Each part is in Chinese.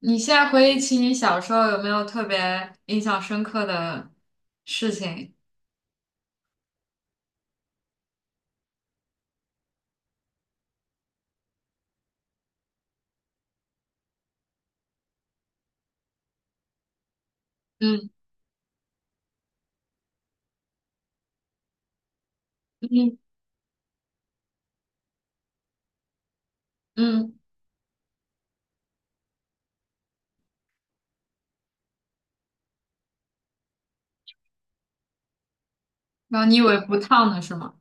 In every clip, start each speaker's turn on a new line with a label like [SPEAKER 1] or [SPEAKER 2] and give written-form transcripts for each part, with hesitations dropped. [SPEAKER 1] 你现在回忆起你小时候，有没有特别印象深刻的事情？嗯嗯嗯，然后你以为不烫的是吗？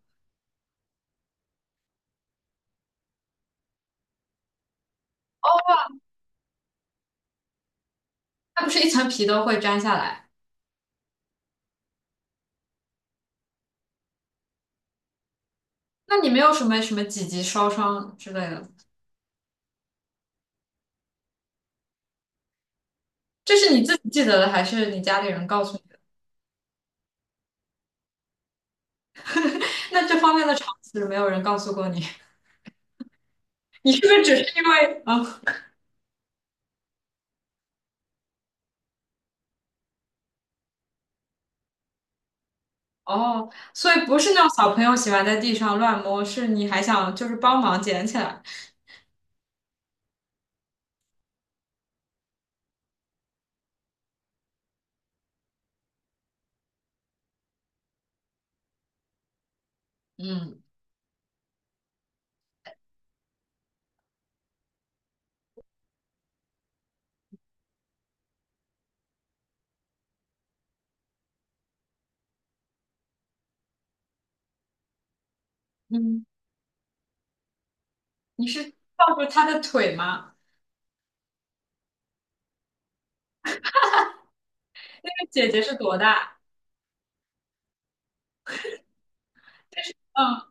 [SPEAKER 1] 它不是一层皮都会粘下来？那你没有什么几级烧伤之类的？这是你自己记得的，还是你家里人告诉你？那这方面的常识没有人告诉过你。你是不是只是因为啊？哦，所以不是那种小朋友喜欢在地上乱摸，是你还想就是帮忙捡起来？嗯嗯，你是抱住他的腿吗？那个姐姐是多大？嗯，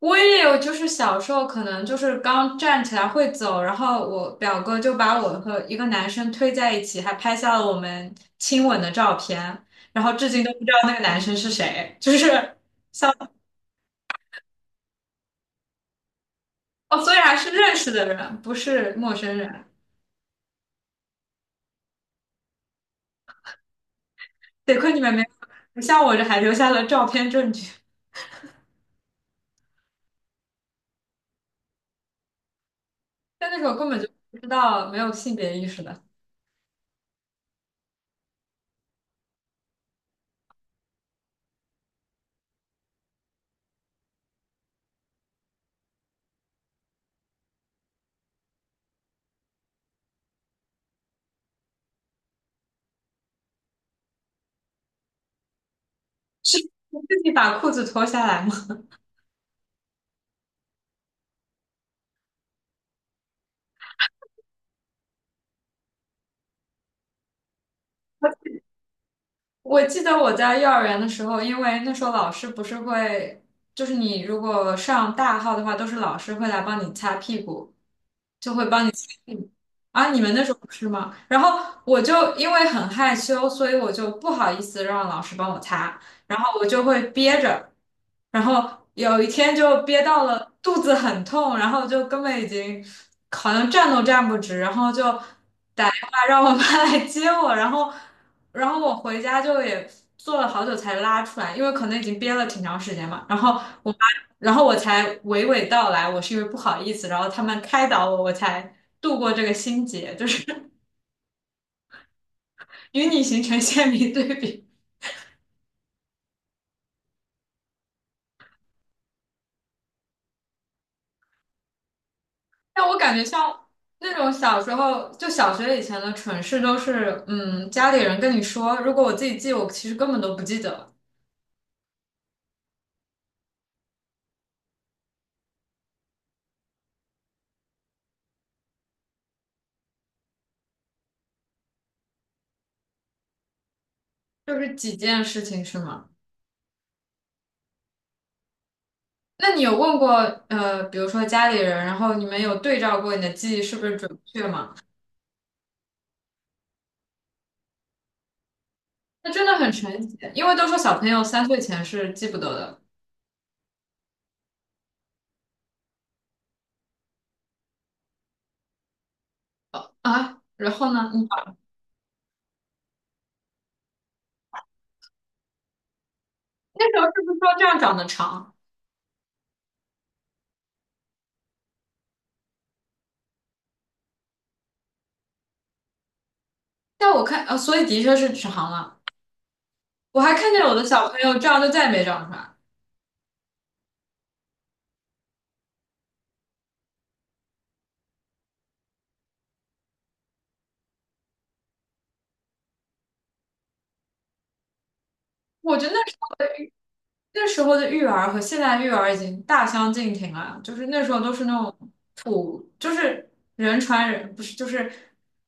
[SPEAKER 1] 我也有，就是小时候可能就是刚站起来会走，然后我表哥就把我和一个男生推在一起，还拍下了我们亲吻的照片，然后至今都不知道那个男生是谁，就是像。哦，所以还是认识的人，不是陌生人。得亏你们没有，像我这还留下了照片证据，但那时候根本就不知道，没有性别意识的。是自己把裤子脱下来吗？我记得我在幼儿园的时候，因为那时候老师不是会，就是你如果上大号的话，都是老师会来帮你擦屁股。嗯。啊，你们那时候不是吗？然后我就因为很害羞，所以我就不好意思让老师帮我擦，然后我就会憋着，然后有一天就憋到了肚子很痛，然后就根本已经好像站都站不直，然后就打电话让我妈来接我，然后我回家就也做了好久才拉出来，因为可能已经憋了挺长时间嘛。然后我妈，然后我才娓娓道来，我是因为不好意思，然后他们开导我，我才度过这个心结，就是 与你形成鲜明对比。但我感觉像那种小时候，就小学以前的蠢事，都是家里人跟你说，如果我自己记，我其实根本都不记得，就是几件事情是吗？那你有问过比如说家里人，然后你们有对照过你的记忆是不是准确吗？那真的很神奇，因为都说小朋友3岁前是记不得的。啊，然后呢？你那时候是不是说这样长得长？但我看，所以的确是长了。我还看见有的小朋友这样就再也没长出来。我觉得那时候的育儿和现在育儿已经大相径庭了，就是那时候都是那种，就是人传人，不是就是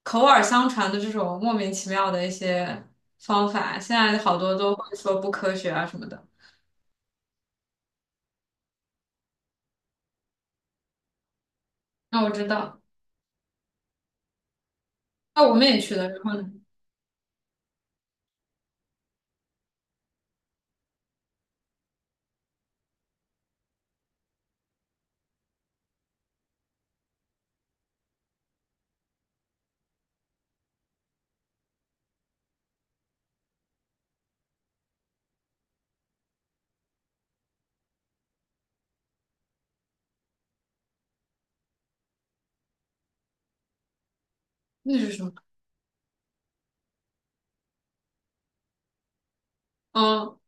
[SPEAKER 1] 口耳相传的这种莫名其妙的一些方法，现在好多都会说不科学啊什么的。那我知道，那我们也去了，然后呢？那是什么？哦。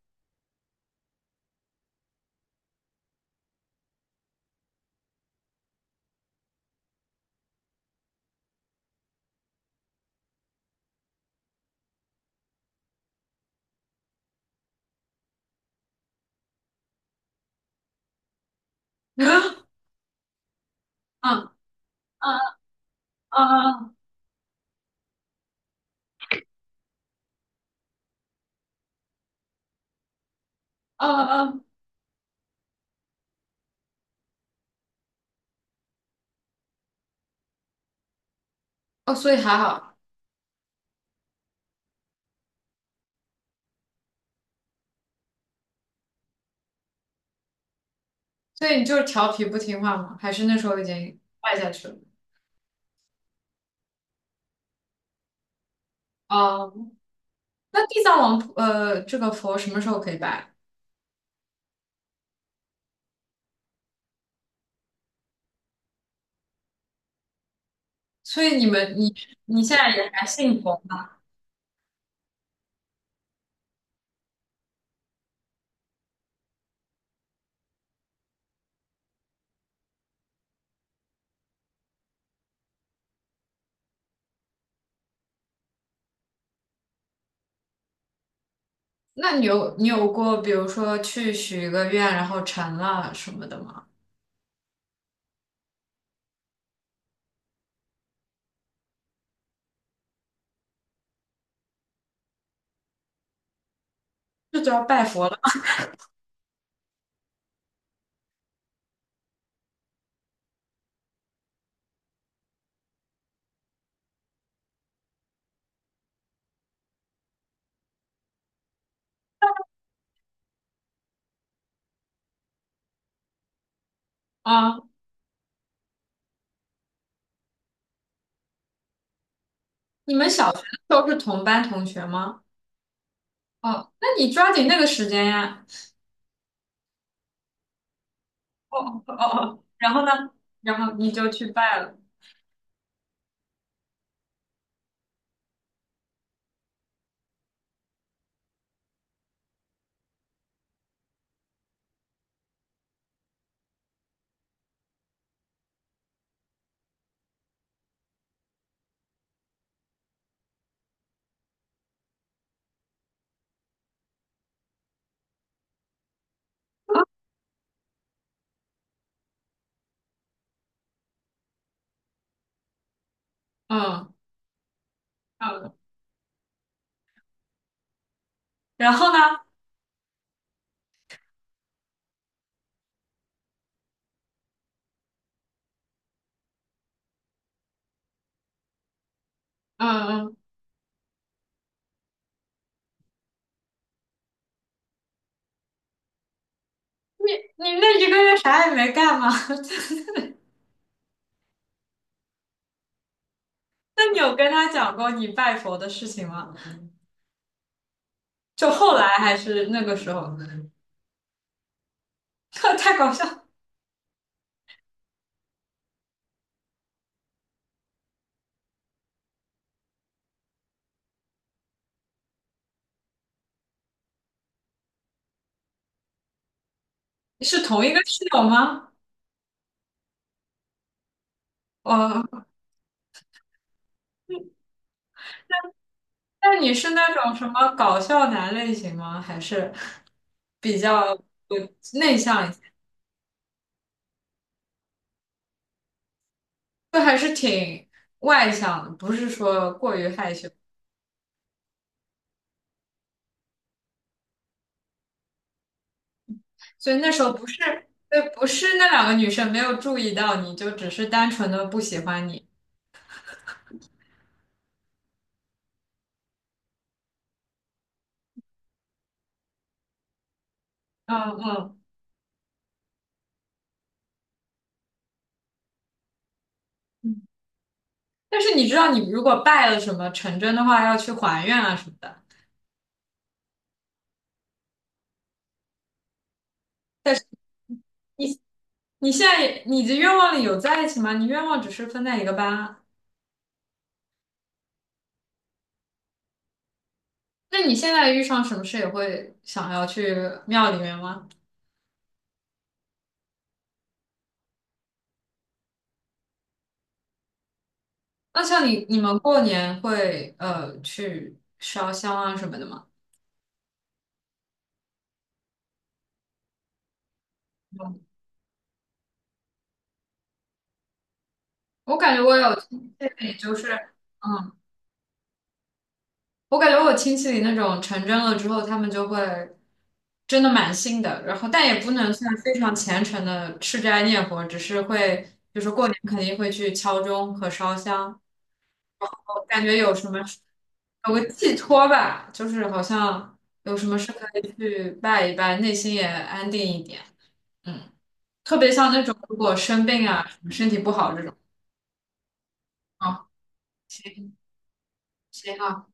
[SPEAKER 1] 嗯嗯嗯嗯嗯，嗯哦，所以还好。所以你就是调皮不听话吗？还是那时候已经拜下去了？哦，那地藏王菩呃，这个佛什么时候可以拜？所以你们你你现在也还信佛吗？那你有过比如说去许一个愿然后成了什么的吗？这就要拜佛了啊？你们小学的时候是同班同学吗？哦，那你抓紧那个时间呀。哦哦哦哦。然后呢？然后你就去拜了。嗯嗯，然后呢？嗯嗯，你你那一个月啥也没干吗？那你有跟他讲过你拜佛的事情吗？就后来还是那个时候？太搞笑！是同一个室友吗？哦，那你是那种什么搞笑男类型吗？还是比较呃内向一些？就还是挺外向的，不是说过于害羞。所以那时候不是，对，不是那两个女生没有注意到你，就只是单纯的不喜欢你。嗯嗯嗯。但是你知道，你如果拜了什么成真的话，要去还愿啊什么的。但是你你现在也你的愿望里有在一起吗？你愿望只是分在一个班啊。那你现在遇上什么事也会想要去庙里面吗？那像你们过年会去烧香啊什么的吗？嗯我感觉我有自己就是。嗯。我感觉我亲戚里那种成真了之后，他们就会真的蛮信的，然后但也不能算非常虔诚的吃斋念佛，只是会，就是过年肯定会去敲钟和烧香，我感觉有什么有个寄托吧，就是好像有什么事可以去拜一拜，内心也安定一点。嗯，特别像那种如果生病啊，身体不好这种。哦。行。行好。